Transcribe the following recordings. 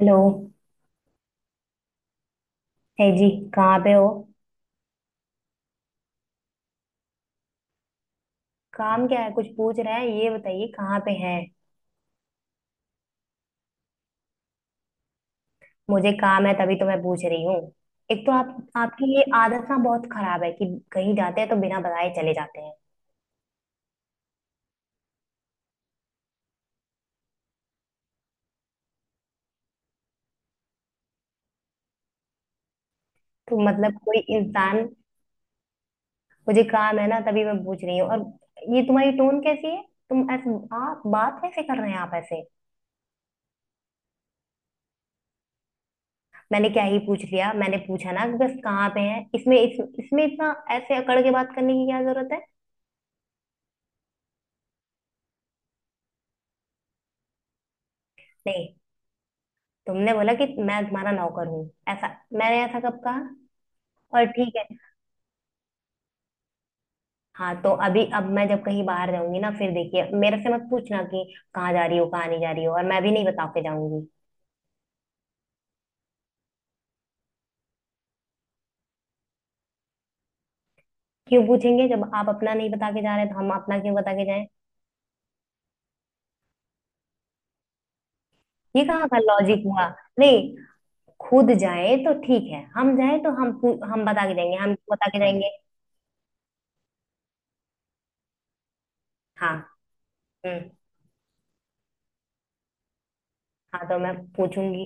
Hello. है जी, कहाँ पे हो? काम क्या है कुछ पूछ रहा है, ये बताइए कहाँ पे है। मुझे काम है तभी तो मैं पूछ रही हूँ। एक तो आप आपकी ये आदत ना बहुत खराब है कि कहीं जाते हैं तो बिना बताए चले जाते हैं। तो मतलब कोई इंसान मुझे काम है ना तभी मैं पूछ रही हूँ। और ये तुम्हारी टोन कैसी है? तुम ऐसे आप बात कैसे कर रहे हैं आप ऐसे? मैंने क्या ही पूछ लिया, मैंने पूछा ना कि बस कहाँ पे है, इसमें इतना ऐसे अकड़ के बात करने की क्या जरूरत है। नहीं, तुमने बोला कि मैं तुम्हारा नौकर हूँ, ऐसा मैंने ऐसा कब कहा? और ठीक है। हाँ तो अभी अब मैं जब कहीं बाहर जाऊंगी ना, फिर देखिए मेरे से मत पूछना कि कहाँ जा रही हो कहाँ नहीं जा रही हो, और मैं भी नहीं बता के जाऊंगी। क्यों पूछेंगे? जब आप अपना नहीं बता के जा रहे तो हम अपना क्यों बता के जाएं। ये कहाँ का लॉजिक हुआ? नहीं, खुद जाए तो ठीक है, हम जाए तो हम बता के जाएंगे, हम क्यों बता के जाएंगे? हाँ। हम्म। हाँ तो मैं पूछूंगी।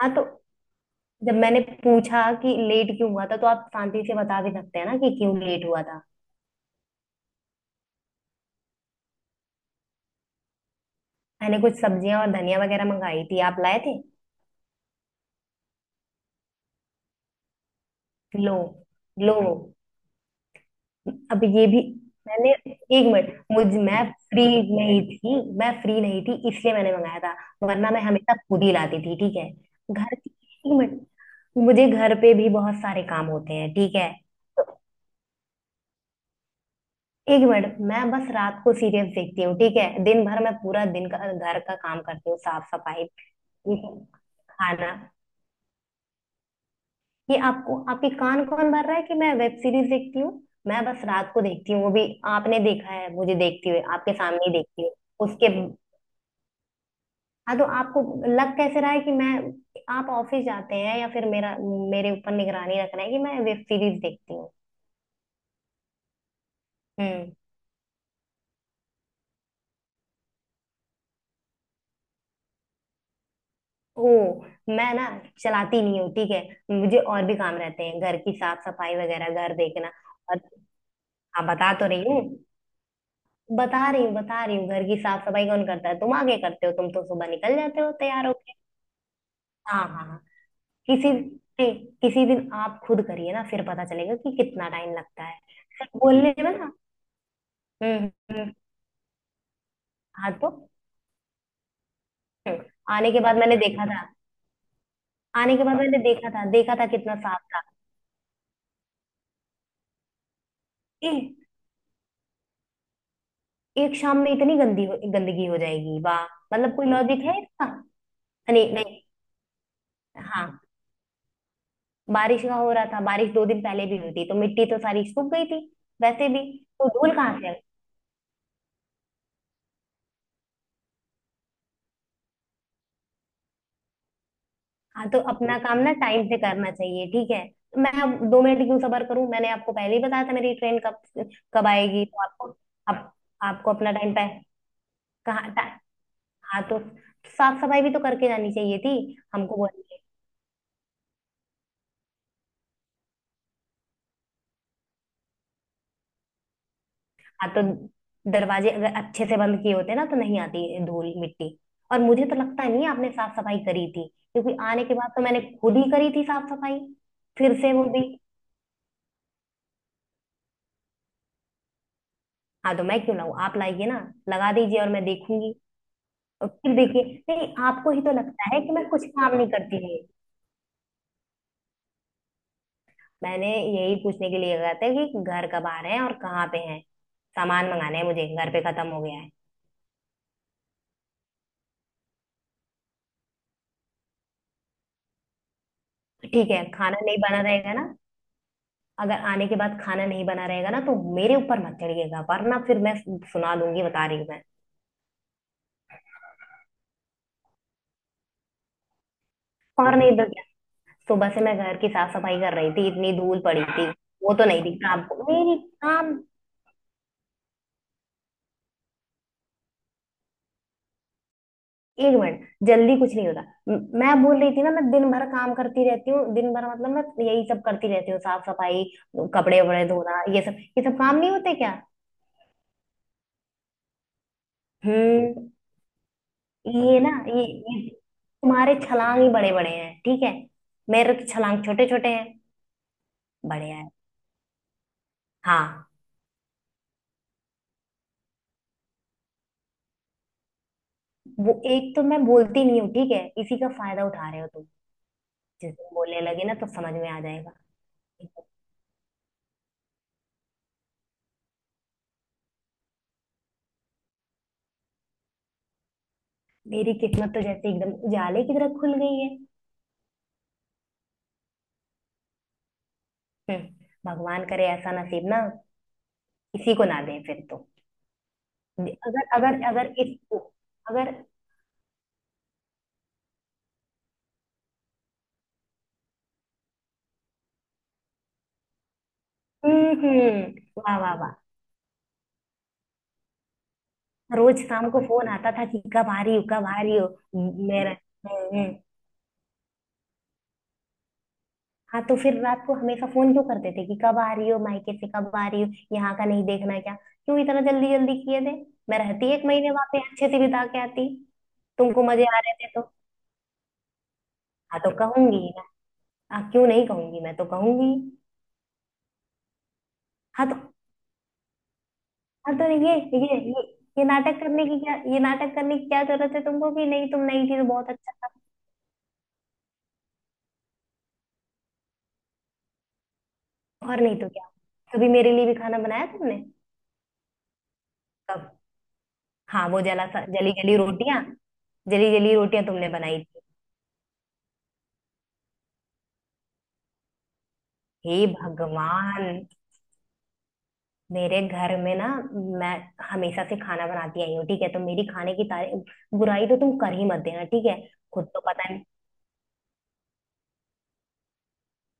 हाँ तो जब मैंने पूछा कि लेट क्यों हुआ था तो आप शांति से बता भी सकते हैं ना कि क्यों लेट हुआ था। मैंने कुछ सब्जियां और धनिया वगैरह मंगाई थी, आप लाए थे। लो, लो, अब ये भी। मैंने एक मिनट मुझ मैं फ्री नहीं थी। मैं फ्री नहीं थी इसलिए मैंने मंगाया था, वरना मैं हमेशा खुद ही लाती थी, ठीक है। घर की एक मिनट मुझे घर पे भी बहुत सारे काम होते हैं, ठीक है। तो 1 मिनट, मैं बस रात को सीरियल देखती हूँ ठीक है, दिन भर मैं पूरा दिन का घर का काम करती हूँ, साफ सफाई, खाना। ये आपको आपके कान कौन भर रहा है कि मैं वेब सीरीज देखती हूँ? मैं बस रात को देखती हूँ, वो भी आपने देखा है मुझे देखती हुए, आपके सामने ही देखती हूँ उसके। हाँ तो आपको लग कैसे रहा है कि मैं आप ऑफिस जाते हैं या फिर मेरा मेरे ऊपर निगरानी रख रहे हैं कि मैं वेब सीरीज देखती हूँ? हम्म। ओ, मैं ना चलाती नहीं हूँ ठीक है। मुझे और भी काम रहते हैं, घर की साफ सफाई वगैरह, घर देखना और। हाँ, बता तो रही हूँ, बता रही हूँ घर की साफ सफाई कौन करता है? तुम आगे करते हो? तुम तो सुबह निकल जाते हो तैयार हो। हाँ हाँ हाँ। किसी नहीं, किसी दिन आप खुद करिए ना, फिर पता चलेगा कि कितना टाइम लगता है, सिर्फ बोलने में ना। हम्म। हम्म। हाँ तो। हम्म, आने के बाद मैंने देखा था, आने के बाद मैंने देखा था, देखा था कितना साफ था। ए, 1 शाम में इतनी गंदगी हो जाएगी, वाह। मतलब कोई लॉजिक है इसका? नहीं नहीं। हाँ, बारिश का हो रहा था, बारिश 2 दिन पहले भी हुई थी तो मिट्टी तो सारी सूख गई थी वैसे भी, तो धूल कहाँ से आई? हाँ तो अपना काम ना टाइम से करना चाहिए, ठीक है? तो मैं अब 2 मिनट क्यों सबर करूं? मैंने आपको पहले ही बताया था मेरी ट्रेन कब कब आएगी, तो आपको आप, आपको अपना टाइम पे कहाँ टा- हाँ तो साफ सफाई भी तो करके जानी चाहिए थी। हमको बोलिए। हाँ तो दरवाजे अगर अच्छे से बंद किए होते ना तो नहीं आती धूल मिट्टी, और मुझे तो लगता नहीं है आपने साफ सफाई करी थी, क्योंकि आने के बाद तो मैंने खुद ही करी थी साफ सफाई। फिर से वो भी। हाँ तो मैं क्यों लाऊं? आप लाइए ना, लगा दीजिए और मैं देखूंगी। और फिर देखिए, नहीं, आपको ही तो लगता है कि मैं कुछ काम नहीं करती हूँ। मैंने यही पूछने के लिए कहा था कि घर कब आ रहे हैं और कहाँ पे हैं, सामान मंगाना है, मुझे घर पे खत्म हो गया है। ठीक है, खाना नहीं बना रहेगा ना, अगर आने के बाद खाना नहीं बना रहेगा ना तो मेरे ऊपर मत चढ़िएगा वरना फिर मैं सुना दूंगी, बता रही हूँ मैं। और नहीं तो क्या, सुबह से मैं घर की साफ सफाई कर रही थी, इतनी धूल पड़ी थी। वो तो नहीं दिखता आपको मेरी काम। 1 मिनट, जल्दी कुछ नहीं होता। मैं बोल रही थी ना, मैं दिन भर काम करती रहती हूँ, दिन भर मतलब मैं यही सब करती रहती हूँ, साफ सफाई, कपड़े वपड़े धोना, ये सब, ये सब काम नहीं होते क्या? हम्म। ये तुम्हारे छलांग ही बड़े बड़े हैं ठीक है, मेरे तो छलांग छोटे छोटे हैं। बढ़िया है। हाँ, वो एक तो मैं बोलती नहीं हूँ ठीक है, इसी का फायदा उठा रहे हो तुम। जिस दिन बोलने लगे ना तो समझ में आ जाएगा। मेरी किस्मत तो जैसे एकदम उजाले की तरह खुल गई है। हम्म, भगवान करे ऐसा नसीब ना किसी को ना दें फिर तो। अगर अगर अगर इस अगर। हम्म। वाह वाह वाह। रोज शाम को फोन आता था कि कब आ रही हो, कब आ रही हो। मेरा हाँ तो फिर रात को हमेशा फोन क्यों करते थे कि कब आ रही हो मायके से, कब आ रही हो, यहाँ का नहीं देखना क्या, क्यों इतना जल्दी जल्दी किए थे? मैं रहती 1 महीने वहां पे अच्छे से बिता के आती। तुमको मजे आ रहे थे तो। हाँ तो कहूंगी ना, हाँ क्यों नहीं कहूंगी, मैं तो कहूंगी। हाँ तो हाँ तो ये ये ये ये नाटक करने की क्या, ये नाटक करने की क्या जरूरत है तुमको कि नहीं तुम नहीं थी तो बहुत अच्छा था। और नहीं तो क्या, कभी मेरे लिए भी खाना बनाया तुमने? कब? हाँ, वो जला सा जली जली रोटियां, जली जली रोटियां तुमने बनाई थी। हे भगवान, मेरे घर में ना, मैं हमेशा से खाना बनाती आई हूँ ठीक है, तो मेरी खाने की तारीफ बुराई तो तुम कर ही मत देना, ठीक है? खुद तो पता नहीं।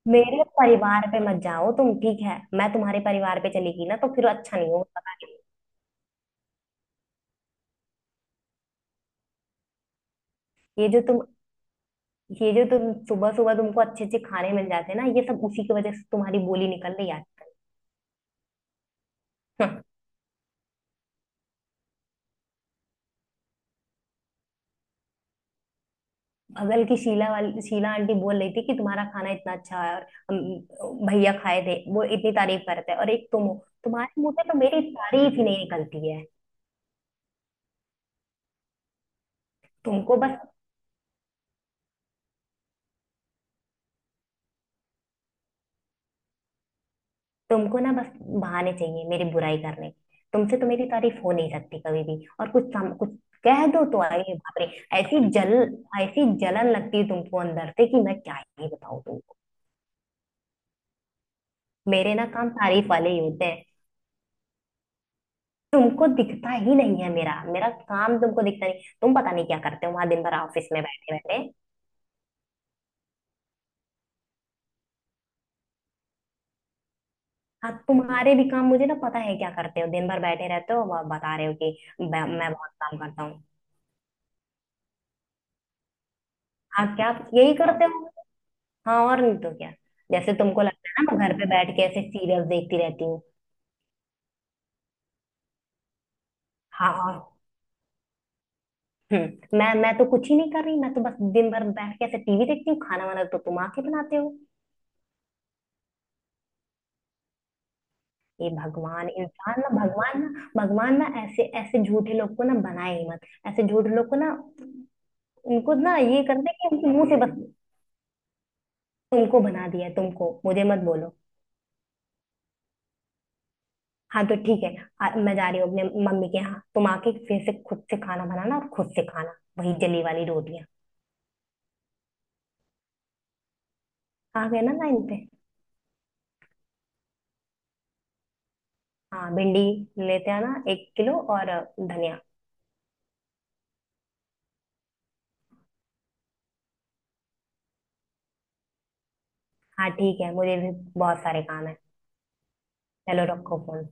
मेरे परिवार पे मत जाओ तुम, ठीक है? मैं तुम्हारे परिवार पे चली गई ना तो फिर अच्छा नहीं होगा, पता नहीं। ये जो तुम ये जो तुम सुबह सुबह तुमको अच्छे अच्छे खाने मिल जाते हैं ना ये सब उसी की वजह से तुम्हारी बोली निकल रही है। बगल की शीला आंटी बोल रही थी कि तुम्हारा खाना इतना अच्छा है, और भैया खाए थे वो इतनी तारीफ करते हैं, और एक तुम हो, तुम्हारे मुंह से तो मेरी तारीफ ही नहीं निकलती है। तुमको बस तुमको ना बस बहाने चाहिए मेरी बुराई करने के। तुमसे तो मेरी तारीफ हो नहीं सकती कभी भी, और कुछ कह दो तो अरे बाप रे ऐसी जल ऐसी जलन लगती है तुमको अंदर से कि मैं क्या ही बताऊं तुमको। मेरे ना काम तारीफ वाले ही होते हैं, तुमको दिखता ही नहीं है मेरा मेरा काम, तुमको दिखता नहीं, तुम पता नहीं क्या करते हो वहां दिन भर ऑफिस में बैठे बैठे। हाँ, तुम्हारे भी काम मुझे ना पता है क्या करते हो, दिन भर बैठे रहते हो और बता रहे हो कि मैं बहुत काम करता हूँ। हाँ, क्या आप यही करते हो? हाँ, और नहीं तो क्या, जैसे तुमको लगता है ना मैं घर पे बैठ के ऐसे सीरियल देखती रहती हूँ। हाँ और हम्म, मैं तो कुछ ही नहीं कर रही, मैं तो बस दिन भर बैठ के ऐसे टीवी देखती हूँ, खाना वाना तो तुम आके बनाते हो। ये भगवान, इंसान ना, भगवान ना, भगवान ना ऐसे, ऐसे झूठे लोग को ना बनाए ही मत, ऐसे झूठे लोग को ना, उनको ना ये कर दे कि उनके मुंह से बस तुमको बना दिया है, तुमको, मुझे मत बोलो। हाँ तो ठीक है। मैं जा रही हूँ अपने मम्मी के यहाँ, तुम आके फिर से खुद से खाना बनाना और खुद से खाना, वही जली वाली रोटियां। आ गए ना लाइन पे। हाँ, भिंडी लेते आना 1 किलो और धनिया। हाँ ठीक है, मुझे भी बहुत सारे काम है। चलो रखो फोन।